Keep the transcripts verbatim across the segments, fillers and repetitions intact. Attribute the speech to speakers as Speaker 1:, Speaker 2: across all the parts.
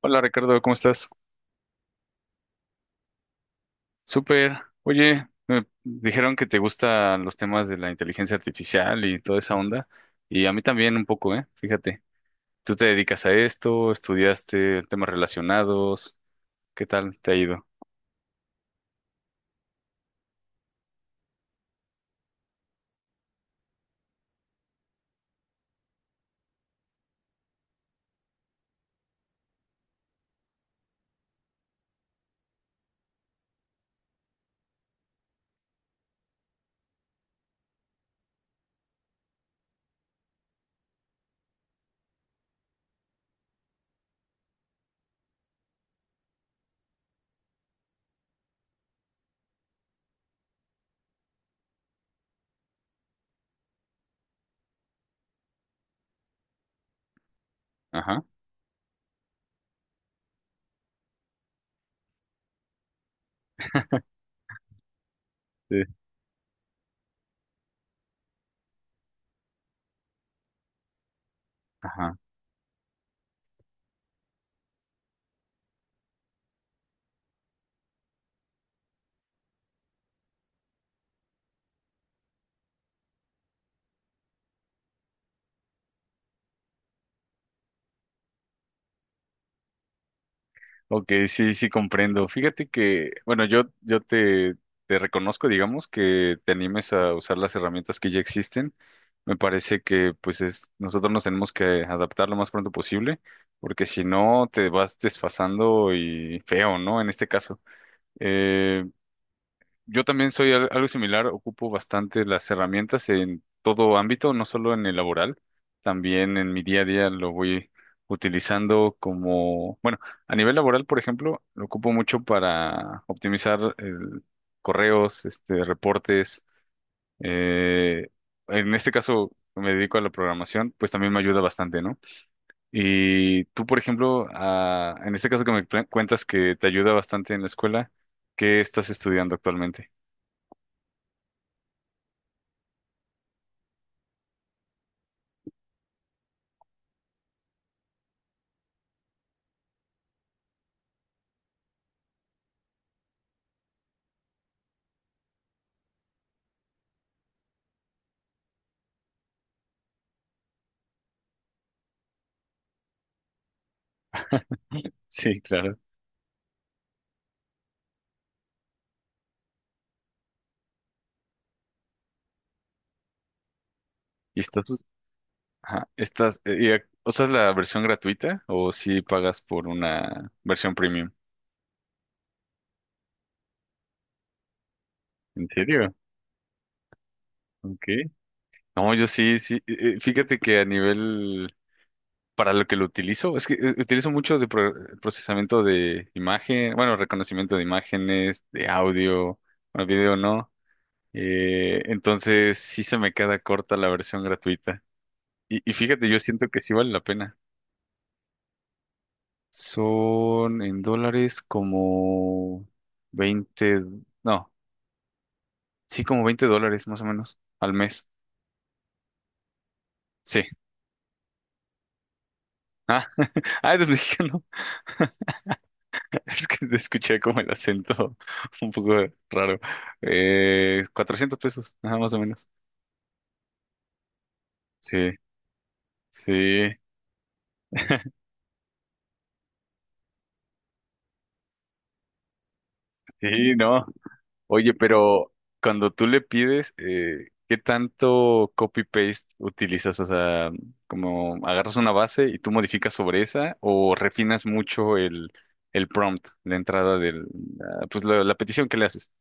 Speaker 1: Hola Ricardo, ¿cómo estás? Súper. Oye, me dijeron que te gustan los temas de la inteligencia artificial y toda esa onda, y a mí también un poco, ¿eh? Fíjate, tú te dedicas a esto, estudiaste temas relacionados, ¿qué tal te ha ido? Ajá. Sí. Ajá. Ok, sí, sí comprendo. Fíjate que, bueno, yo, yo te, te reconozco, digamos, que te animes a usar las herramientas que ya existen. Me parece que, pues, es, nosotros nos tenemos que adaptar lo más pronto posible, porque si no, te vas desfasando y feo, ¿no? En este caso. Eh, yo también soy al- algo similar, ocupo bastante las herramientas en todo ámbito, no solo en el laboral, también en mi día a día lo voy utilizando como, bueno, a nivel laboral, por ejemplo, lo ocupo mucho para optimizar el- correos, este, reportes. eh, en este caso me dedico a la programación, pues también me ayuda bastante, ¿no? Y tú, por ejemplo, a- en este caso que me pla- cuentas que te ayuda bastante en la escuela, ¿qué estás estudiando actualmente? Sí, claro. Y estás, ajá, estás, eh, y, ac- ¿usas la versión gratuita o si pagas por una versión premium? ¿En serio? Ok. No, yo sí, sí. eh, eh, Fíjate que a nivel, para lo que lo utilizo, es que eh, utilizo mucho de pro- procesamiento de imagen, bueno, reconocimiento de imágenes, de audio, bueno, video no. Eh, entonces sí se me queda corta la versión gratuita. Y, y fíjate, yo siento que sí vale la pena. Son en dólares como veinte no, sí, como veinte dólares más o menos al mes. Sí. Ah, eres mexicano. Es que te escuché como el acento un poco raro. Eh, 400 pesos, nada más o menos. Sí, sí, sí, no. Oye, pero cuando tú le pides, eh, ¿qué tanto copy-paste utilizas? O sea, como agarras una base y tú modificas sobre esa o refinas mucho el, el prompt, la entrada del, ah, pues la, la petición que le haces.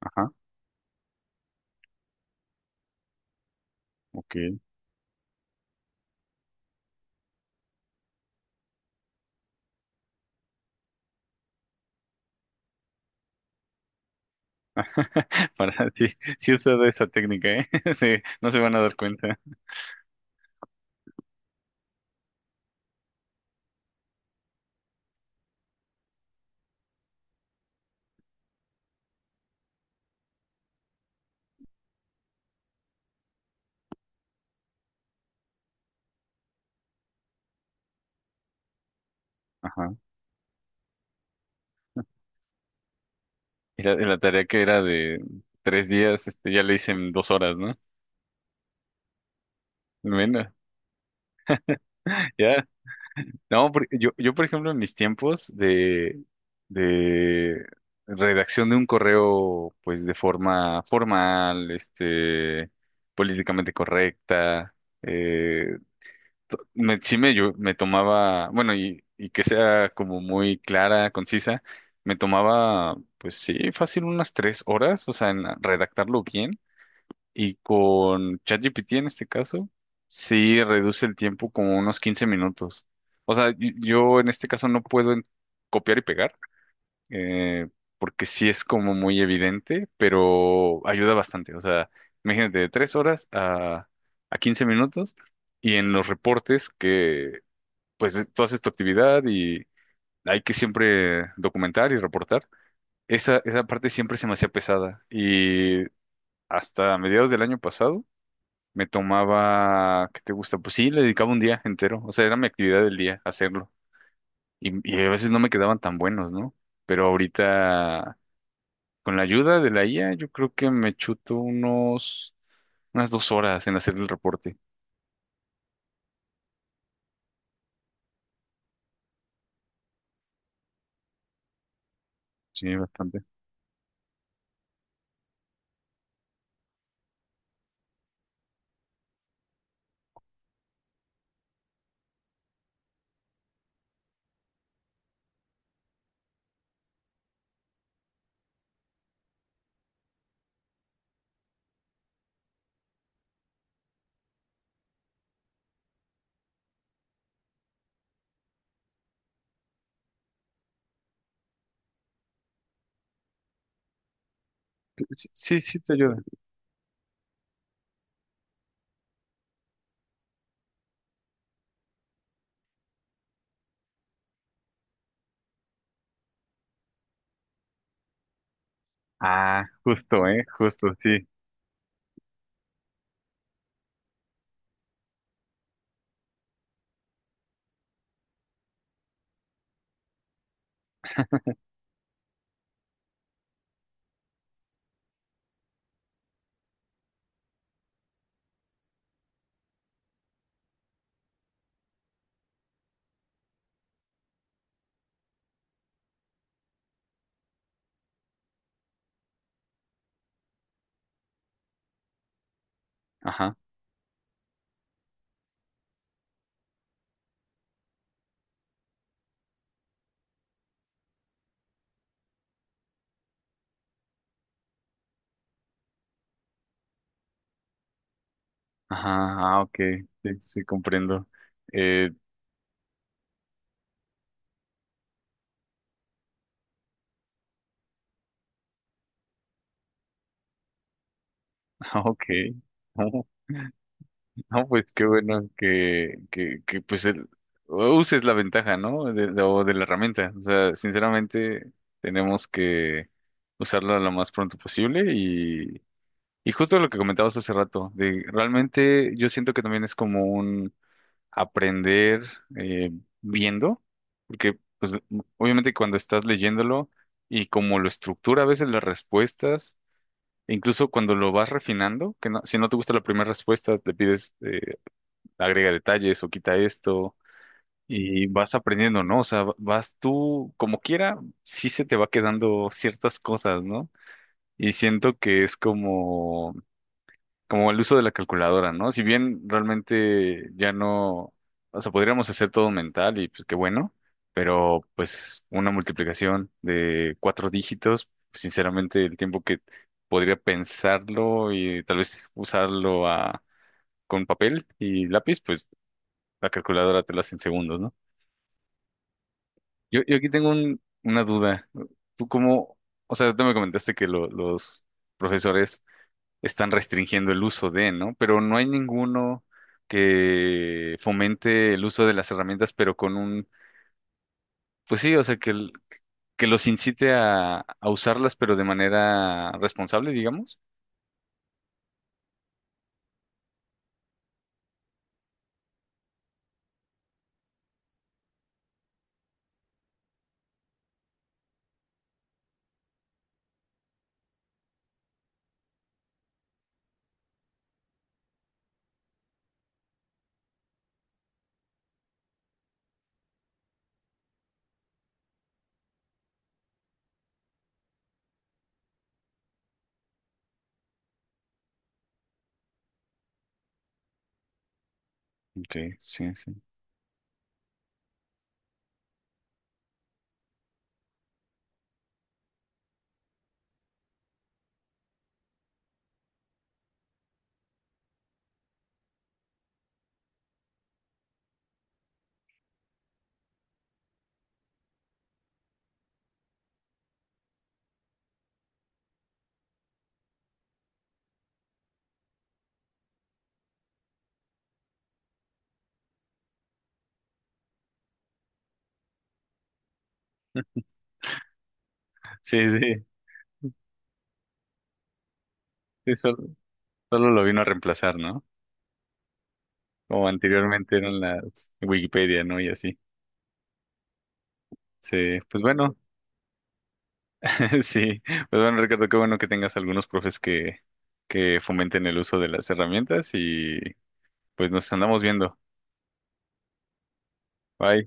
Speaker 1: Ajá, ok. Para sí, sí he usado esa técnica, ¿eh? Sí, no se van a dar cuenta. Ajá. Y la, y la tarea que era de tres días, este, ya le hice en dos horas, ¿no? Bueno, ya. No, porque yo, yo, por ejemplo, en mis tiempos de, de redacción de un correo, pues de forma formal, este, políticamente correcta, eh, to- me, sí me, yo, me tomaba, bueno, y, y que sea como muy clara, concisa, me tomaba, pues sí, fácil unas tres horas, o sea, en redactarlo bien y con ChatGPT en este caso, sí reduce el tiempo como unos quince minutos. O sea, y- yo en este caso no puedo en- copiar y pegar, eh, porque sí es como muy evidente, pero ayuda bastante. O sea, imagínate, de tres horas a, a quince minutos y en los reportes que, pues, es- tú haces tu actividad y hay que siempre documentar y reportar. Esa, esa parte siempre se me hacía pesada y hasta mediados del año pasado me tomaba, ¿qué te gusta? Pues sí, le dedicaba un día entero, o sea, era mi actividad del día, hacerlo. Y, y a veces no me quedaban tan buenos, ¿no? Pero ahorita, con la ayuda de la I A, yo creo que me chuto unos, unas dos horas en hacer el reporte. Sí, bastante. Sí, sí, sí te ayuda. Ah, justo, ¿eh? Justo, sí. Ajá, ajá, ah, ok, sí, sí, comprendo. Eh, ok. No, pues qué bueno que, que, que pues el, uses la ventaja, ¿no? De, de- o de la herramienta. O sea, sinceramente tenemos que usarla lo más pronto posible y, y justo lo que comentabas hace rato, de realmente yo siento que también es como un aprender eh, viendo, porque pues obviamente cuando estás leyéndolo y como lo estructura a veces las respuestas, e incluso cuando lo vas refinando, que no, si no te gusta la primera respuesta, te pides... eh, agrega detalles o quita esto y vas aprendiendo, ¿no? O sea, va- vas tú como quiera, sí se te va quedando ciertas cosas, ¿no? Y siento que es como, como el uso de la calculadora, ¿no? Si bien realmente ya no, o sea, podríamos hacer todo mental y pues qué bueno, pero pues una multiplicación de cuatro dígitos, sinceramente el tiempo que podría pensarlo y tal vez usarlo a, con papel y lápiz, pues la calculadora te lo hace en segundos, ¿no? Yo, yo aquí tengo un- una duda. ¿Tú cómo, o sea, tú me comentaste que lo- los profesores están restringiendo el uso de, ¿no? Pero no hay ninguno que fomente el uso de las herramientas, pero con un, pues sí, o sea, que, el- que los incite a, a usarlas, pero de manera responsable, digamos. Ok, sí, sí. Sí, sí, sí, solo, solo lo vino a reemplazar, ¿no? Como anteriormente eran las Wikipedia, ¿no? Y así. Sí, pues bueno. Sí, pues bueno, Ricardo, qué bueno que tengas algunos profes que, que fomenten el uso de las herramientas y pues nos andamos viendo. Bye.